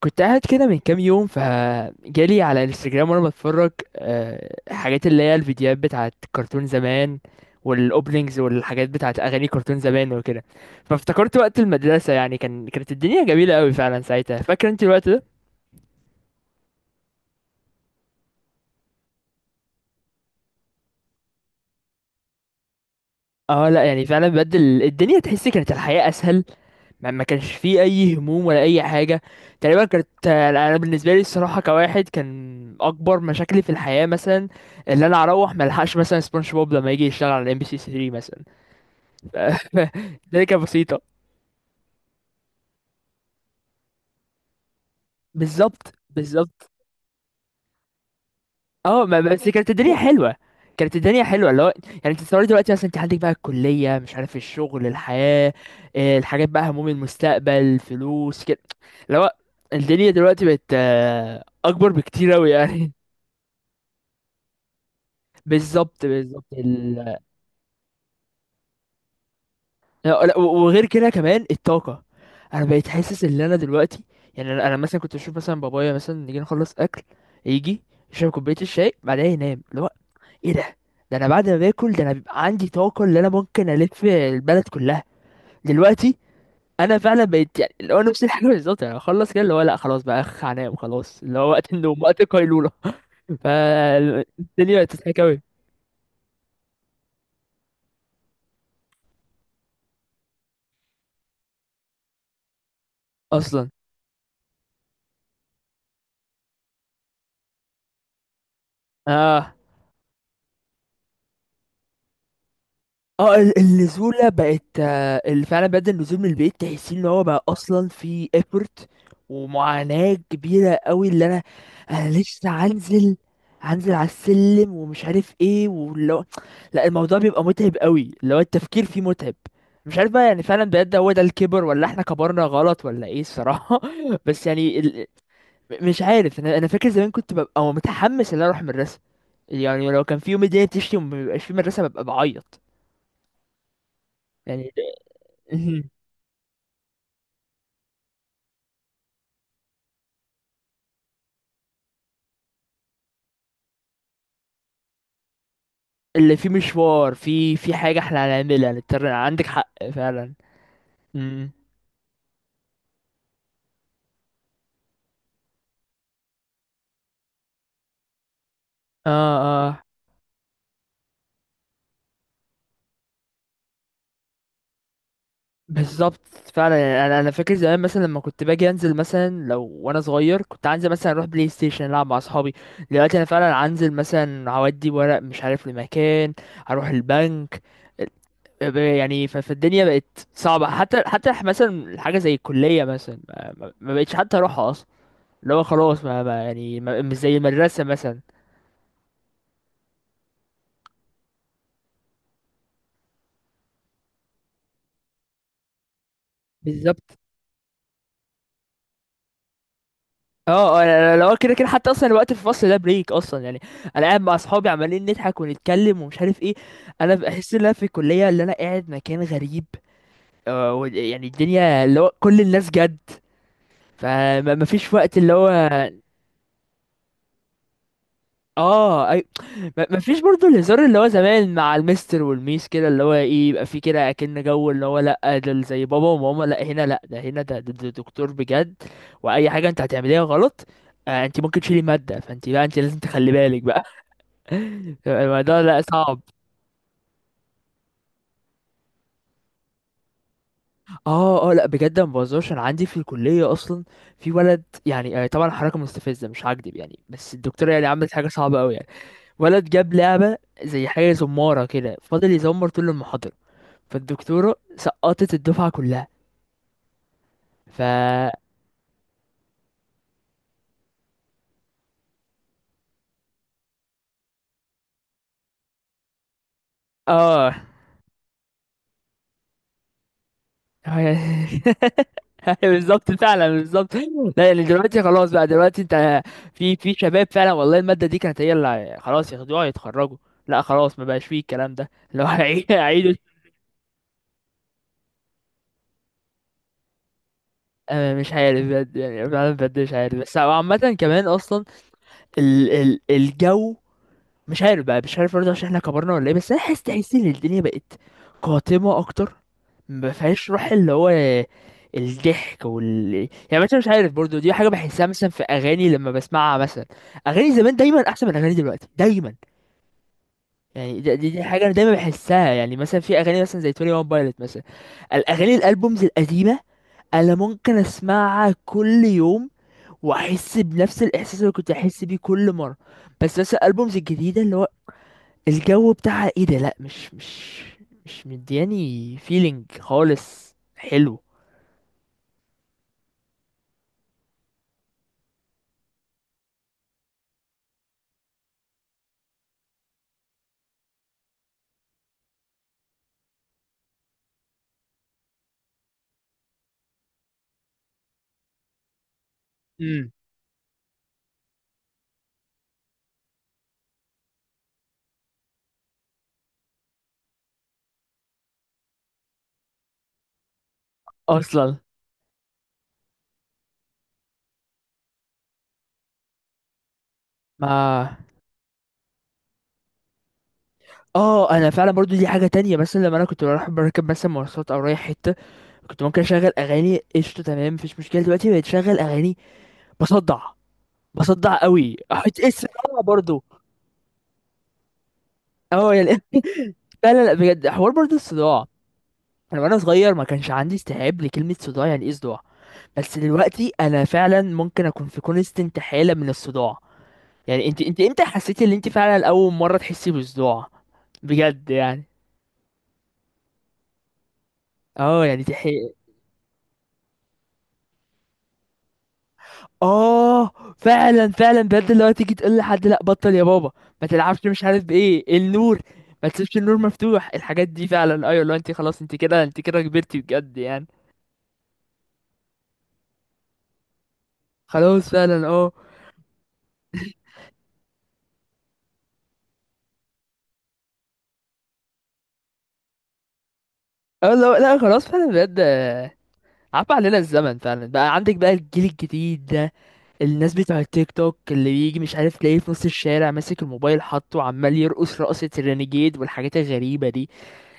كنت قاعد كده من كام يوم فجالي على الانستجرام وانا بتفرج. آه، حاجات اللي هي الفيديوهات بتاعت كرتون زمان والاوبننجز والحاجات بتاعت اغاني كرتون زمان وكده. فافتكرت وقت المدرسة، يعني كانت الدنيا جميلة قوي فعلا ساعتها. فاكر انت الوقت ده؟ اه لا، يعني فعلا بدل الدنيا، تحسي كانت الحياة اسهل. ما كانش فيه اي هموم ولا اي حاجه. تقريبا كانت، انا بالنسبه لي الصراحه كواحد، كان اكبر مشاكلي في الحياه مثلا اللي انا اروح ما الحقش مثلا سبونج بوب لما يجي يشتغل على ام بي سي 3 مثلا. ده كانت بسيطه. بالظبط بالظبط. اه، ما بس كانت الدنيا حلوه. كانت الدنيا حلوه، اللي هو يعني انت تصوري دلوقتي مثلا انت عندك بقى الكليه، مش عارف الشغل، الحياه، آه، الحاجات بقى، هموم المستقبل، فلوس كده، اللي هو الدنيا دلوقتي بقت آه، اكبر بكتير اوي يعني. بالظبط بالظبط. لا لا، وغير كده كمان الطاقة. انا بقيت حاسس ان انا دلوقتي يعني انا مثلا كنت اشوف مثلا بابايا مثلا نيجي نخلص اكل، يجي يشرب كوباية الشاي بعدها ينام، اللي هو ايه ده؟ ده انا بعد ما باكل، ده انا بيبقى عندي طاقة اللي انا ممكن الف البلد كلها دلوقتي. انا فعلا بقيت يعني اللي هو نفس الحاجة. بالظبط، يعني اخلص كده اللي هو لا خلاص بقى اخ هنام خلاص، اللي هو وقت النوم وقت القيلولة. فالدنيا بقت تضحك اوي. اصلا اه اه. النزولة بقت آه، اللي فعلا بدأ النزول من البيت تحسين ان هو بقى اصلا في effort ومعاناة كبيرة قوي. اللي انا، انا لسه هنزل، هنزل على السلم ومش عارف ايه، ولو لا، الموضوع بيبقى متعب قوي، اللي هو التفكير فيه متعب. مش عارف بقى، يعني فعلا بجد هو ده الكبر ولا احنا كبرنا غلط ولا ايه الصراحة؟ بس يعني مش عارف. انا فاكر زمان كنت ببقى متحمس ان انا اروح المدرسة. يعني لو كان في يوم الدنيا بتشتي ومبيبقاش في مدرسة ببقى بعيط، يعني مهم. اللي فيه مشوار في حاجة احنا هنعملها نضطر، عندك حق فعلا. مم. اه اه. بالظبط فعلا. يعني انا فاكر زمان مثلا لما كنت باجي انزل مثلا، لو وانا صغير كنت هنزل مثلا اروح بلاي ستيشن العب مع اصحابي. دلوقتي انا فعلا هنزل مثلا هودي ورق مش عارف لمكان، هروح البنك. يعني فالدنيا بقت صعبة، حتى مثلا حاجة زي الكلية مثلا ما بقتش حتى اروحها اصلا. اللي هو خلاص، مش زي المدرسة مثلا. بالظبط. اه اه، انا لو كده كده حتى اصلا الوقت في الفصل ده بريك اصلا يعني. انا قاعد مع اصحابي عمالين نضحك ونتكلم ومش عارف ايه. انا بحس ان انا في الكليه اللي انا قاعد مكان غريب، آه، يعني الدنيا اللي هو كل الناس جد، فما فيش وقت اللي هو. اه اي، ما ما فيش برضو الهزار اللي هو زمان مع المستر والميس كده، اللي هو ايه يبقى في كده اكن جو، اللي هو لا ده زي بابا وماما. لا هنا لا، ده هنا ده دكتور بجد. واي حاجه انت هتعمليها غلط، آه، انت ممكن تشيلي ماده، فانت بقى انت لازم تخلي بالك بقى. الموضوع لا صعب. اه اه، لا بجد ما بهزرش، انا عندي في الكليه اصلا في ولد يعني، آه، طبعا حركه مستفزه مش هكدب يعني، بس الدكتوره يعني عملت حاجه صعبه قوي يعني. ولد جاب لعبه زي حاجه زماره كده، فضل يزمر طول المحاضره، فالدكتورة سقطت الدفعة كلها. ف، اه. بالظبط فعلا بالظبط. لا يعني دلوقتي خلاص بقى، دلوقتي انت في شباب فعلا والله، المادة دي كانت هي اللي خلاص ياخدوها يتخرجوا، لا خلاص ما بقاش فيه الكلام ده. لو هيعيدوا، أنا مش عارف بجد، يعني فعلا بجد مش عارف. بس عامة كمان أصلا ال الجو، مش عارف بقى، مش عارف برضه عشان احنا كبرنا ولا ايه، بس انا حاسس، تحس ان الدنيا بقت قاتمه اكتر، ما فيهاش روح، اللي هو الضحك يعني مثلا، مش عارف برضه، دي حاجه بحسها مثلا في اغاني لما بسمعها مثلا. اغاني زمان دايما احسن من اغاني دلوقتي دايما، يعني دي حاجه انا دايما بحسها. يعني مثلا في اغاني مثلا زي 21 بايلوت مثلا، الاغاني الالبومز القديمه انا ممكن اسمعها كل يوم واحس بنفس الاحساس اللي كنت احس بيه كل مره. بس مثلا الالبومز الجديده، اللي هو الجو بتاعها ايه ده؟ لا مش مش مدياني فيلينج خالص حلو. امم اصلا ما. اه انا فعلا برضو دي حاجه تانية، مثلا لما انا كنت بروح بركب مثلا مواصلات او رايح حته، كنت ممكن اشغل اغاني قشطه تمام مفيش مشكله. دلوقتي بقيت اشغل اغاني بصدع، بصدع قوي، احط اس، برضو اه يعني. لا لا لا بجد، حوار برضو الصداع. انا وانا صغير ما كانش عندي استيعاب لكلمه صداع، يعني ايه صداع؟ بس دلوقتي انا فعلا ممكن اكون في كونستنت حالة من الصداع. يعني انت امتى حسيتي ان انت فعلا اول مرة تحسي بالصداع بجد يعني؟ اه يعني اه. فعلا فعلا بجد، اللي هو تيجي تقول لحد لا بطل يا بابا، ما تلعبش، مش عارف بايه النور، ما تسيبش النور مفتوح، الحاجات دي فعلا. ايوه لو انت خلاص، انت كده انت كده كبرتي بجد يعني. خلاص فعلا اه اه. لا لا خلاص فعلا بجد، آه، عفى علينا الزمن فعلا، بقى عندك بقى الجيل الجديد ده، الناس بتوع التيك توك اللي بيجي مش عارف تلاقيه في نص الشارع ماسك الموبايل حاطه وعمال يرقص رقصة الرينيجيد والحاجات الغريبة دي.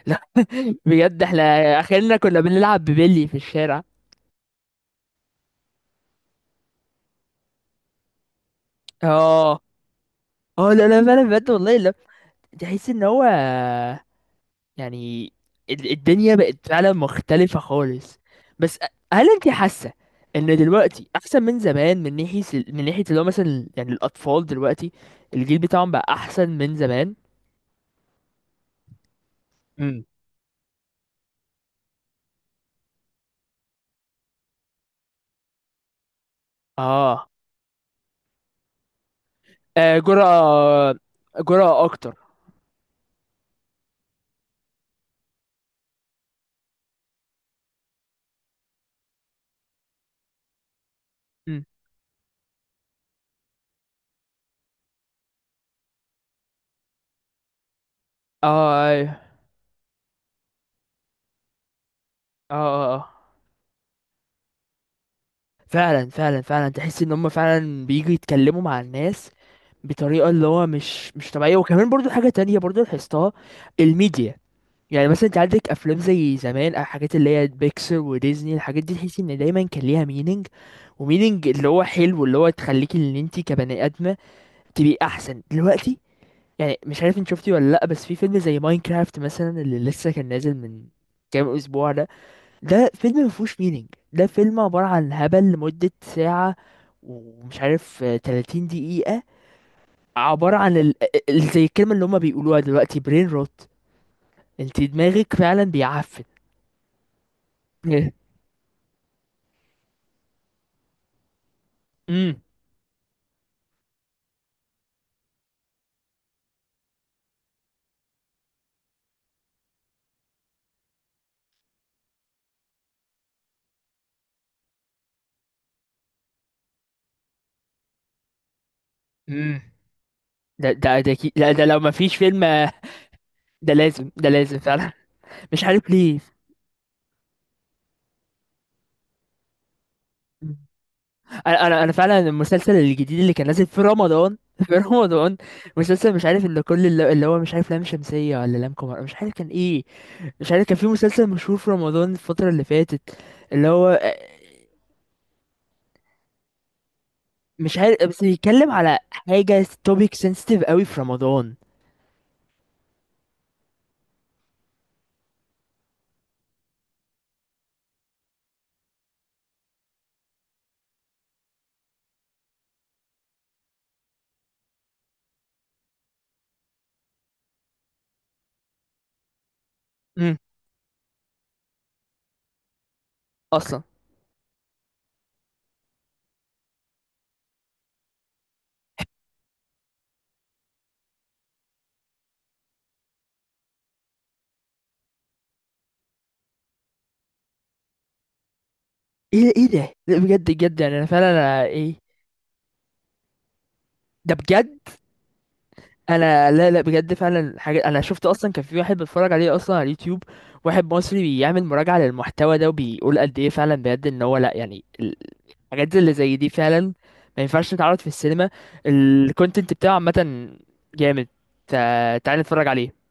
لا بجد احنا اخرنا كنا بنلعب ببلي في الشارع. اه اه لا لا فعلا بجد والله. لا تحس ان هو يعني الدنيا بقت فعلا مختلفة خالص. بس هل انت حاسة ان دلوقتي احسن من زمان من ناحية من ناحية اللي هو مثلا يعني الاطفال دلوقتي، الجيل بتاعهم بقى احسن من زمان؟ امم اه. آه جرأة، جرأة أكتر. مم. اه أيوة. اه اه آه. فعلا فعلا فعلا تحس إن هم فعلا بييجوا يتكلموا مع الناس بطريقة اللي هو مش طبيعية. وكمان برضو حاجة تانية برضو لاحظتها، الميديا. يعني مثلا انت عندك افلام زي زمان او حاجات اللي هي بيكسر وديزني، الحاجات دي تحس ان دايما كان ليها مينينج، ومينينج اللي هو حلو، اللي هو تخليك ان انت كبني ادمه تبقي احسن دلوقتي. يعني مش عارف انت شفتي ولا لأ، بس في فيلم زي ماينكرافت مثلا اللي لسه كان نازل من كام أسبوع ده، ده فيلم مفهوش مينينج، ده فيلم عبارة عن هبل لمدة ساعة ومش عارف آه، 30 دقيقة، عبارة عن زي الكلمة اللي هما بيقولوها دلوقتي برين روت، انت دماغك فعلا بيعفن. امم امم. ده لا ده لو مفيش فيلم آه، ده لازم فعلا. مش عارف ليه. انا انا فعلا المسلسل الجديد اللي كان نازل في رمضان في رمضان، مسلسل مش عارف، اللي كل اللي هو مش عارف، لام شمسية ولا لام قمر، مش عارف كان ايه. مش عارف كان في مسلسل مشهور في رمضان الفترة اللي فاتت اللي هو آه، مش عارف بس بيتكلم على حاجة توبيك سنسيتيف قوي في رمضان. امم اصلا. ايه ايه ده لا بجد بجد، يعني انا فعلا أنا ايه ده بجد. انا لا لا بجد فعلا، حاجه انا شفت اصلا كان في واحد بتفرج عليه اصلا على اليوتيوب، واحد مصري بيعمل مراجعه للمحتوى ده وبيقول قد ايه فعلا بجد ان هو لا، يعني الحاجات اللي زي دي فعلا ما ينفعش تتعرض في السينما. الكونتنت بتاعه عامه جامد، فتعالى نتفرج عليه.